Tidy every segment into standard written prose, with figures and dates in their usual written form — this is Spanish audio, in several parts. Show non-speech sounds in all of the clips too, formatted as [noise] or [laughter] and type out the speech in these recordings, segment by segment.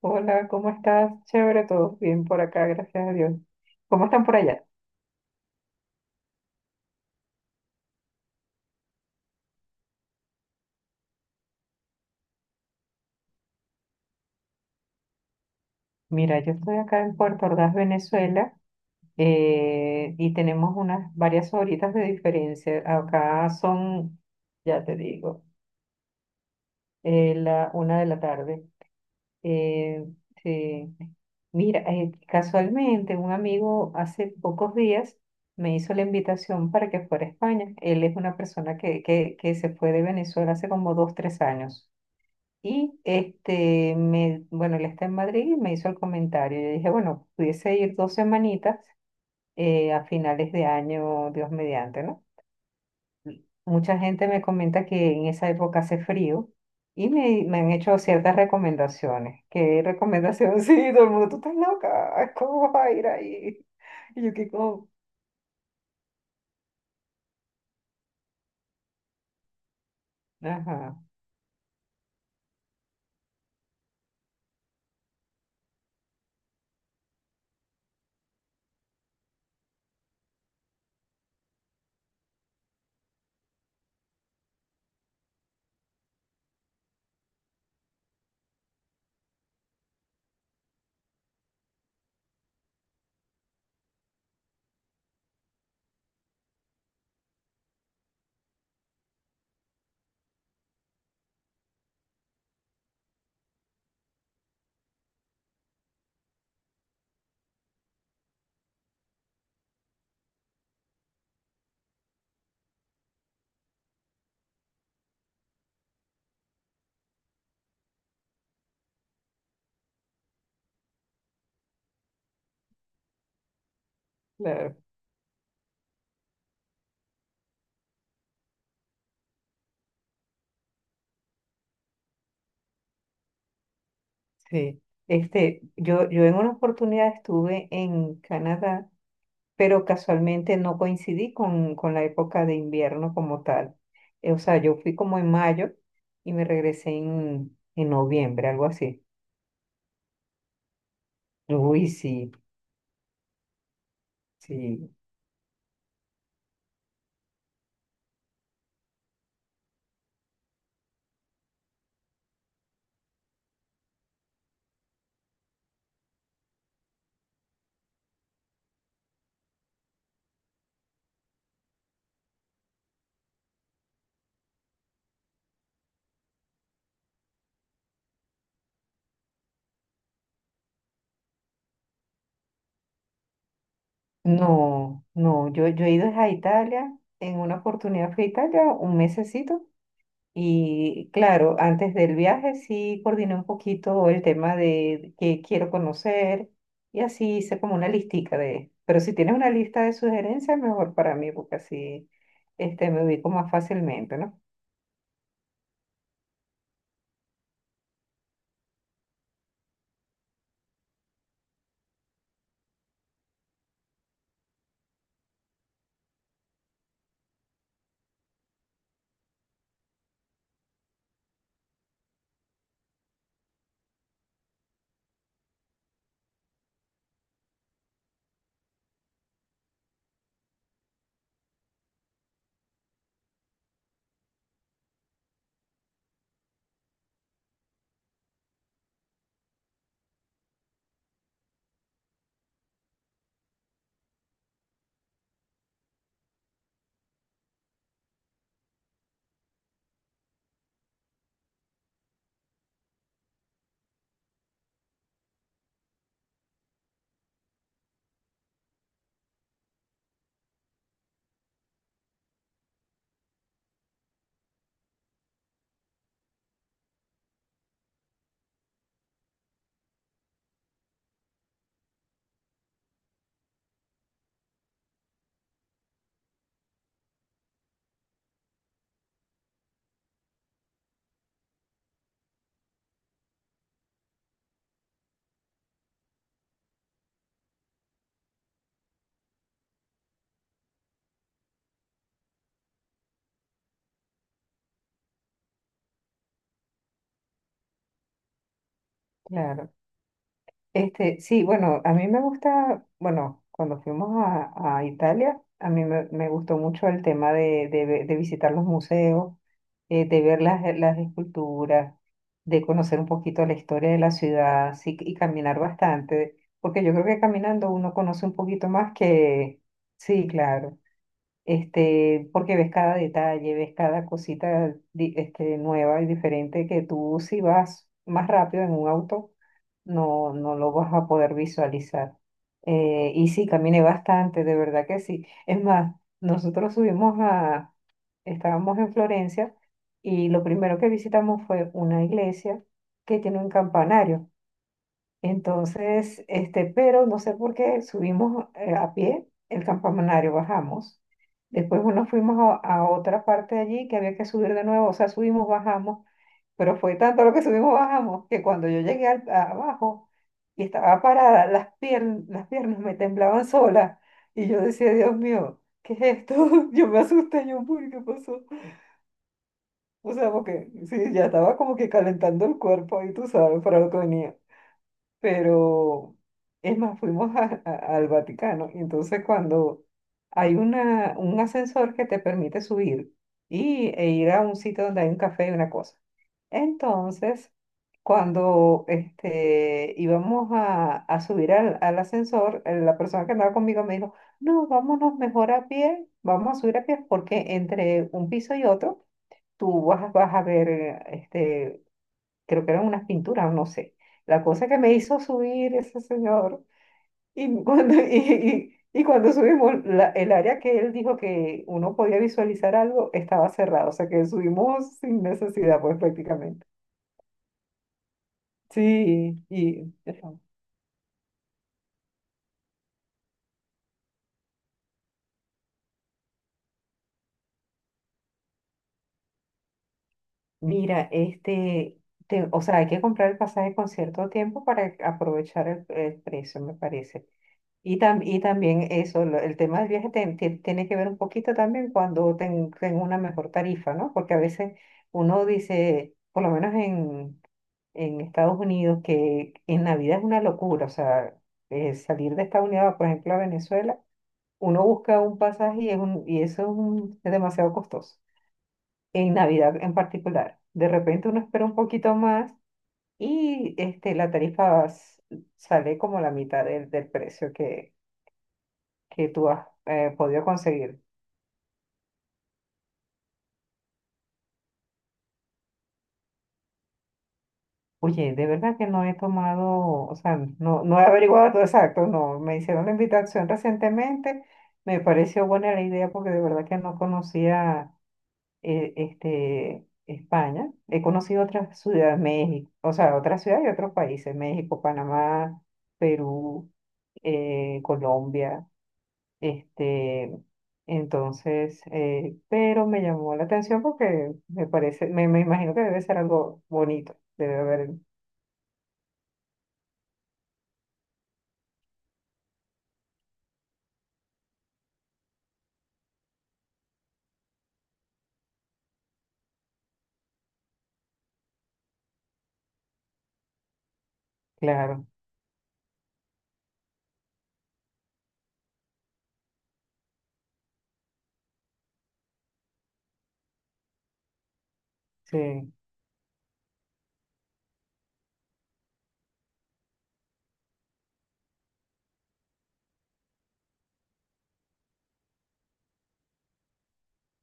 Hola, ¿cómo estás? Chévere, todo bien por acá, gracias a Dios. ¿Cómo están por allá? Mira, yo estoy acá en Puerto Ordaz, Venezuela, y tenemos unas varias horitas de diferencia. Acá son, ya te digo, la una de la tarde. Eh, sí. Mira, casualmente un amigo hace pocos días me hizo la invitación para que fuera a España. Él es una persona que se fue de Venezuela hace como dos, tres años. Y este, me, bueno, él está en Madrid y me hizo el comentario. Yo dije, bueno, pudiese ir dos semanitas a finales de año, Dios mediante, ¿no? Y mucha gente me comenta que en esa época hace frío y me han hecho ciertas recomendaciones. ¿Qué recomendación? [laughs] Sí, todo el mundo, tú estás loca, ¿cómo vas a ir ahí? Y yo, ¿qué cómo? Ajá, claro, sí. Este, yo en una oportunidad estuve en Canadá pero casualmente no coincidí con la época de invierno como tal. O sea, yo fui como en mayo y me regresé en noviembre, algo así. Uy, sí, sí. No, no, yo he ido a Italia, en una oportunidad fui a Italia un mesecito. Y claro, antes del viaje sí coordiné un poquito el tema de qué quiero conocer y así hice como una listica de, pero si tienes una lista de sugerencias, mejor para mí, porque así este, me ubico más fácilmente, ¿no? Claro. Este, sí, bueno, a mí me gusta, bueno, cuando fuimos a Italia, a mí me gustó mucho el tema de visitar los museos, de ver las esculturas, de conocer un poquito la historia de la ciudad, sí, y caminar bastante, porque yo creo que caminando uno conoce un poquito más que, sí, claro, este, porque ves cada detalle, ves cada cosita, este, nueva y diferente que tú si vas más rápido en un auto no, no lo vas a poder visualizar. Y sí, caminé bastante, de verdad que sí. Es más, nosotros subimos a, estábamos en Florencia y lo primero que visitamos fue una iglesia que tiene un campanario. Entonces, este, pero no sé por qué subimos a pie el campanario, bajamos. Después nos fuimos a otra parte de allí que había que subir de nuevo, o sea, subimos, bajamos pero fue tanto lo que subimos, bajamos, que cuando yo llegué abajo y estaba parada, las piernas me temblaban solas. Y yo decía, Dios mío, ¿qué es esto? [laughs] Yo me asusté, yo, "Uy, ¿qué pasó? O sea, porque sí, ya estaba como que calentando el cuerpo y tú sabes para lo que venía pero es más, fuimos al Vaticano y entonces cuando hay una, un ascensor que te permite subir y, e ir a un sitio donde hay un café y una cosa. Entonces, cuando este, íbamos a subir al ascensor, la persona que andaba conmigo me dijo, no, vámonos mejor a pie, vamos a subir a pie porque entre un piso y otro tú vas a ver este, creo que eran unas pinturas, no sé. La cosa que me hizo subir ese señor, y cuando, [laughs] y cuando subimos, el área que él dijo que uno podía visualizar algo estaba cerrado, o sea que subimos sin necesidad, pues prácticamente. Sí, y mira, este, o sea, hay que comprar el pasaje con cierto tiempo para aprovechar el precio, me parece. Y, y también eso, el tema del viaje tiene que ver un poquito también cuando tengo una mejor tarifa, ¿no? Porque a veces uno dice, por lo menos en Estados Unidos, que en Navidad es una locura, o sea, salir de Estados Unidos, por ejemplo, a Venezuela, uno busca un pasaje y, es y eso es, es demasiado costoso, en Navidad en particular. De repente uno espera un poquito más y este, la tarifa sale como la mitad del precio que tú has podido conseguir. Oye, de verdad que no he tomado, o sea, no, no he averiguado [laughs] todo exacto, no, me hicieron la invitación recientemente, me pareció buena la idea porque de verdad que no conocía este, España, he conocido otras ciudades, México, o sea, otras ciudades y otros países, México, Panamá, Perú, Colombia. Este, entonces, pero me llamó la atención porque me parece, me imagino que debe ser algo bonito, debe haber, claro, sí.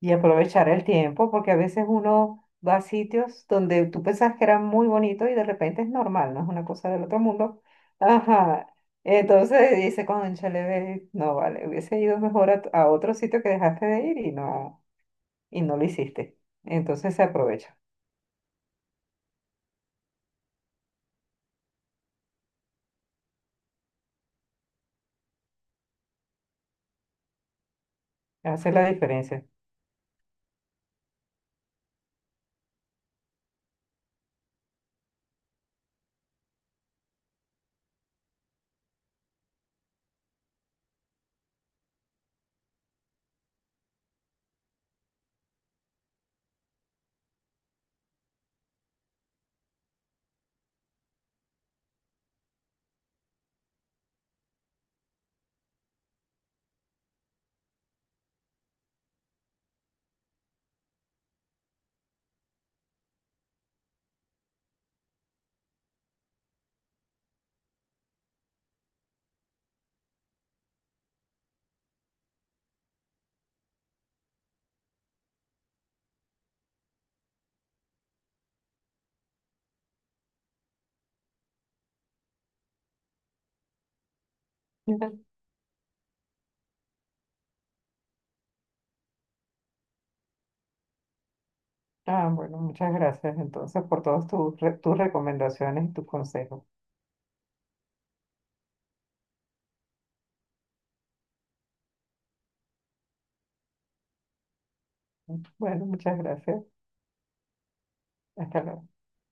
Y aprovechar el tiempo porque a veces uno va a sitios donde tú pensabas que era muy bonito y de repente es normal, no es una cosa del otro mundo. Ajá. Entonces dice, cónchale, ve, no vale, hubiese ido mejor a otro sitio que dejaste de ir y no lo hiciste. Entonces se aprovecha, hace la diferencia. [laughs] Ah, bueno, muchas gracias entonces por todas tus, tus recomendaciones y tus consejos. Bueno, muchas gracias. Hasta luego.